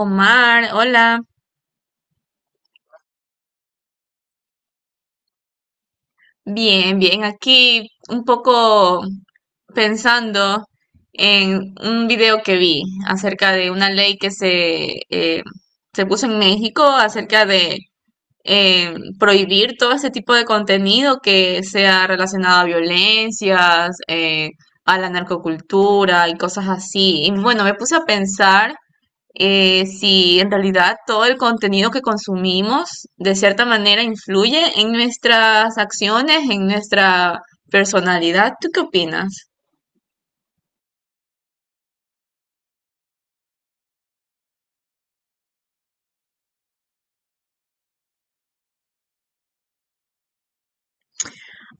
Omar, hola. Bien, bien. Aquí un poco pensando en un video que vi acerca de una ley que se puso en México acerca de eh, prohibir todo este tipo de contenido que sea relacionado a violencias, a la narcocultura y cosas así. Y bueno, me puse a pensar. Si en realidad todo el contenido que consumimos de cierta manera influye en nuestras acciones, en nuestra personalidad. ¿Tú qué opinas?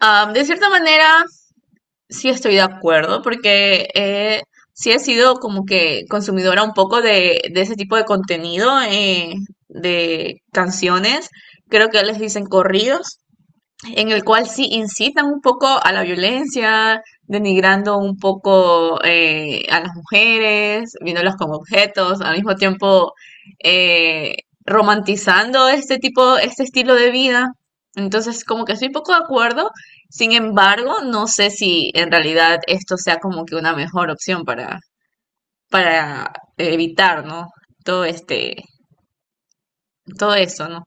Ah, de cierta manera, sí estoy de acuerdo porque sí he sido como que consumidora un poco de ese tipo de contenido, de canciones. Creo que les dicen corridos, en el cual sí incitan un poco a la violencia, denigrando un poco a las mujeres, viéndolas como objetos, al mismo tiempo eh, romantizando este estilo de vida. Entonces, como que estoy un poco de acuerdo, sin embargo, no sé si en realidad esto sea como que una mejor opción para evitar, ¿no? Todo este, Todo eso, ¿no?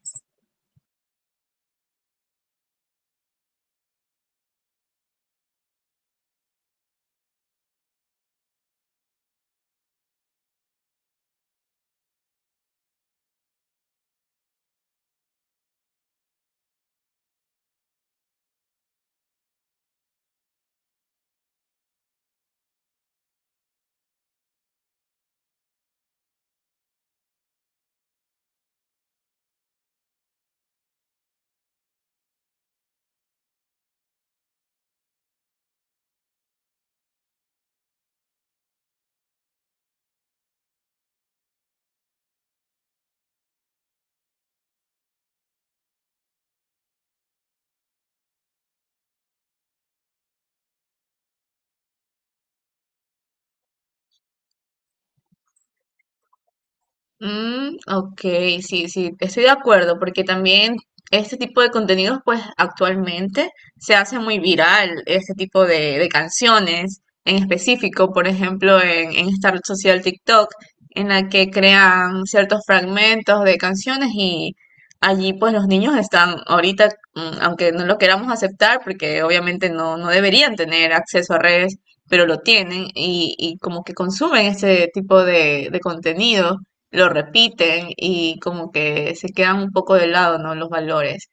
Mm, ok, sí, sí, estoy de acuerdo, porque también este tipo de contenidos, pues actualmente se hace muy viral, este tipo de canciones en específico, por ejemplo, en esta red social TikTok, en la que crean ciertos fragmentos de canciones y allí pues los niños están ahorita, aunque no lo queramos aceptar, porque obviamente no, no deberían tener acceso a redes, pero lo tienen y como que consumen este tipo de contenido lo repiten y como que se quedan un poco de lado, ¿no? Los valores.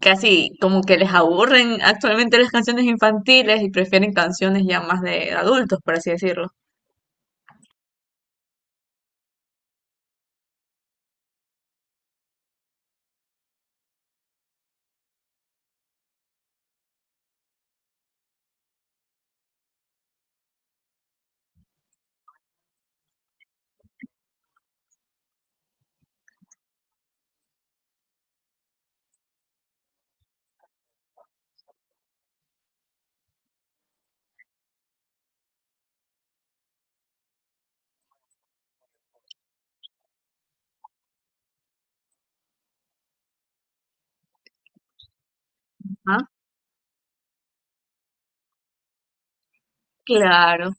Casi como que les aburren actualmente las canciones infantiles y prefieren canciones ya más de adultos, por así decirlo. Ajá, claro.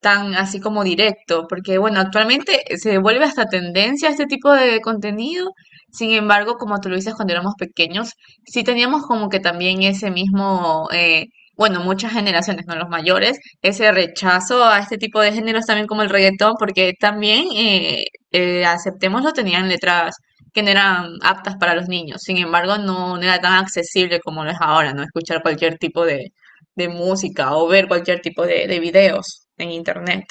Tan así como directo, porque bueno, actualmente se vuelve hasta tendencia este tipo de contenido, sin embargo, como tú lo dices cuando éramos pequeños, sí teníamos como que también ese mismo, bueno, muchas generaciones, no los mayores, ese rechazo a este tipo de géneros también como el reggaetón, porque también, aceptémoslo, tenían letras que no eran aptas para los niños, sin embargo, no, no era tan accesible como lo es ahora, ¿no? Escuchar cualquier tipo de música o ver cualquier tipo de videos en internet.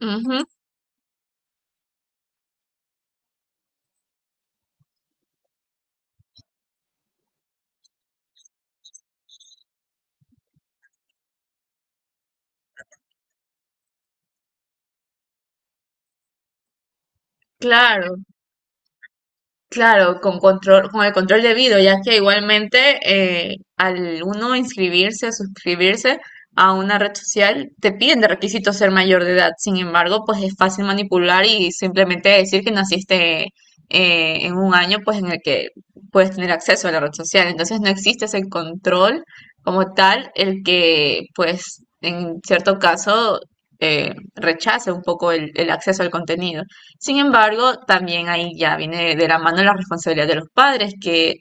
Ujú, claro. Claro, con el control debido, ya que igualmente al uno inscribirse o suscribirse a una red social, te piden de requisito ser mayor de edad. Sin embargo, pues es fácil manipular y simplemente decir que naciste en un año pues en el que puedes tener acceso a la red social. Entonces no existe ese control como tal, el que pues en cierto caso rechace un poco el acceso al contenido. Sin embargo, también ahí ya viene de la mano la responsabilidad de los padres que,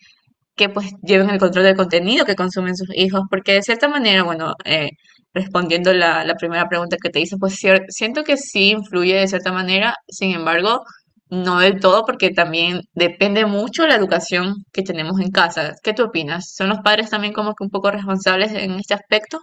que pues lleven el control del contenido que consumen sus hijos, porque de cierta manera, bueno, respondiendo la primera pregunta que te hice, pues siento que sí influye de cierta manera, sin embargo, no del todo, porque también depende mucho la educación que tenemos en casa. ¿Qué tú opinas? ¿Son los padres también como que un poco responsables en este aspecto?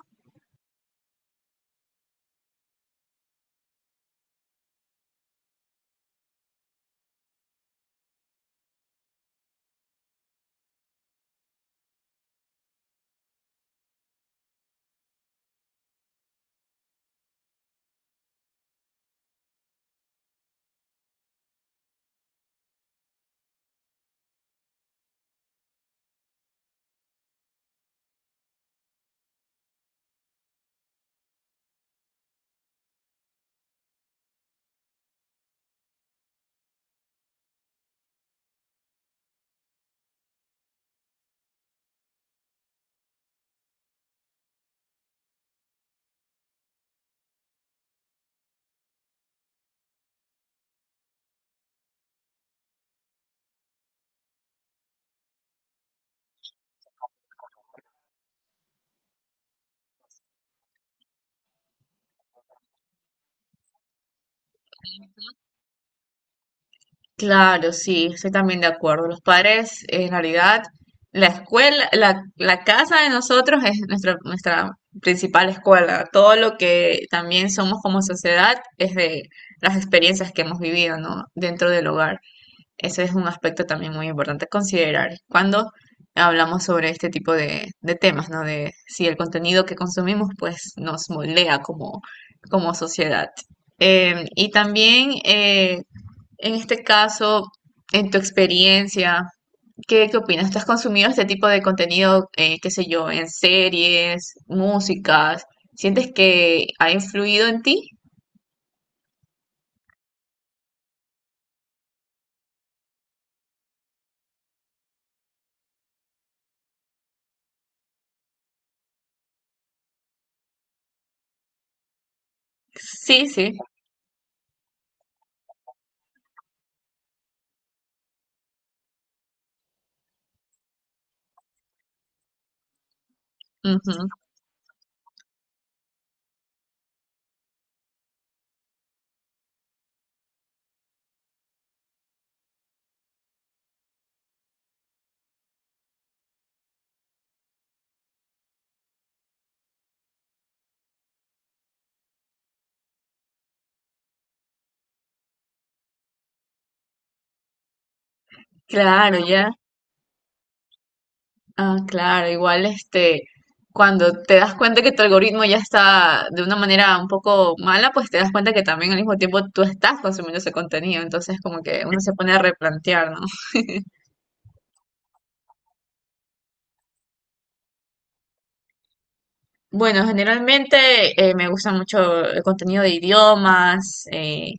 Claro, sí, estoy también de acuerdo. Los padres, en realidad, la escuela, la casa de nosotros es nuestra principal escuela. Todo lo que también somos como sociedad es de las experiencias que hemos vivido, ¿no? Dentro del hogar. Ese es un aspecto también muy importante a considerar cuando hablamos sobre este tipo de temas, ¿no? De si el contenido que consumimos, pues, nos moldea como sociedad. Y también, en este caso, en tu experiencia, ¿qué opinas? ¿Tú has consumido este tipo de contenido, qué sé yo, en series, músicas? ¿Sientes que ha influido en ti? Sí, sí. Ujú. Claro, ya. Ah, claro, igual cuando te das cuenta que tu algoritmo ya está de una manera un poco mala, pues te das cuenta que también al mismo tiempo tú estás consumiendo ese contenido, entonces como que uno se pone a replantear, ¿no? Bueno, generalmente me gusta mucho el contenido de idiomas,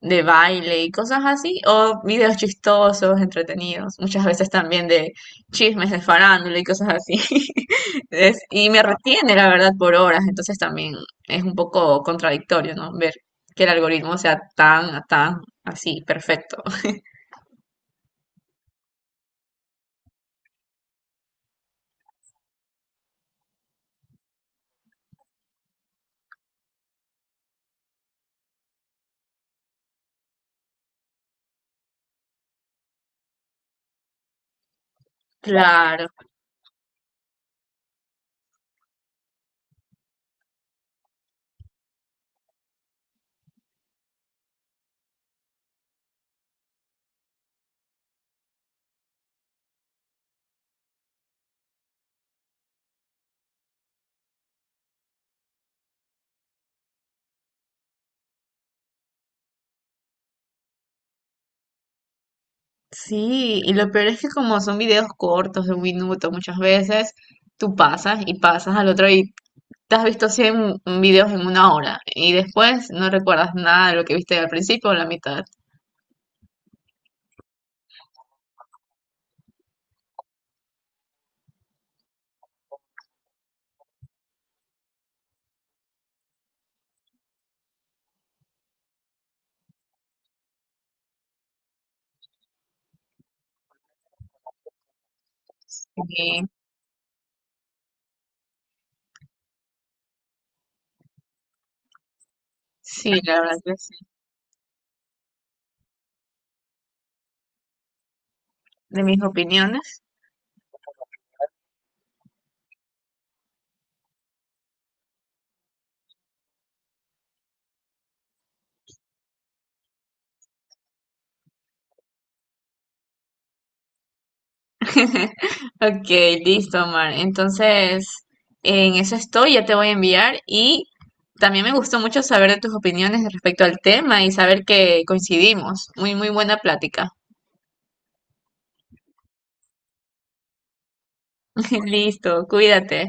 de baile y cosas así, o videos chistosos, entretenidos, muchas veces también de chismes de farándula y cosas así. Y me retiene, la verdad, por horas, entonces también es un poco contradictorio, ¿no? Ver que el algoritmo sea tan, tan así, perfecto. Claro, sí, y lo peor es que como son videos cortos de 1 minuto muchas veces, tú pasas y pasas al otro. Te has visto 100 videos en 1 hora y después no recuerdas nada de lo que viste al principio o la mitad. Sí, sí, la verdad que sí, de mis opiniones. Ok, listo, Omar. Entonces, en eso estoy, ya te voy a enviar y también me gustó mucho saber de tus opiniones respecto al tema y saber que coincidimos. Muy, muy buena plática. Listo, cuídate.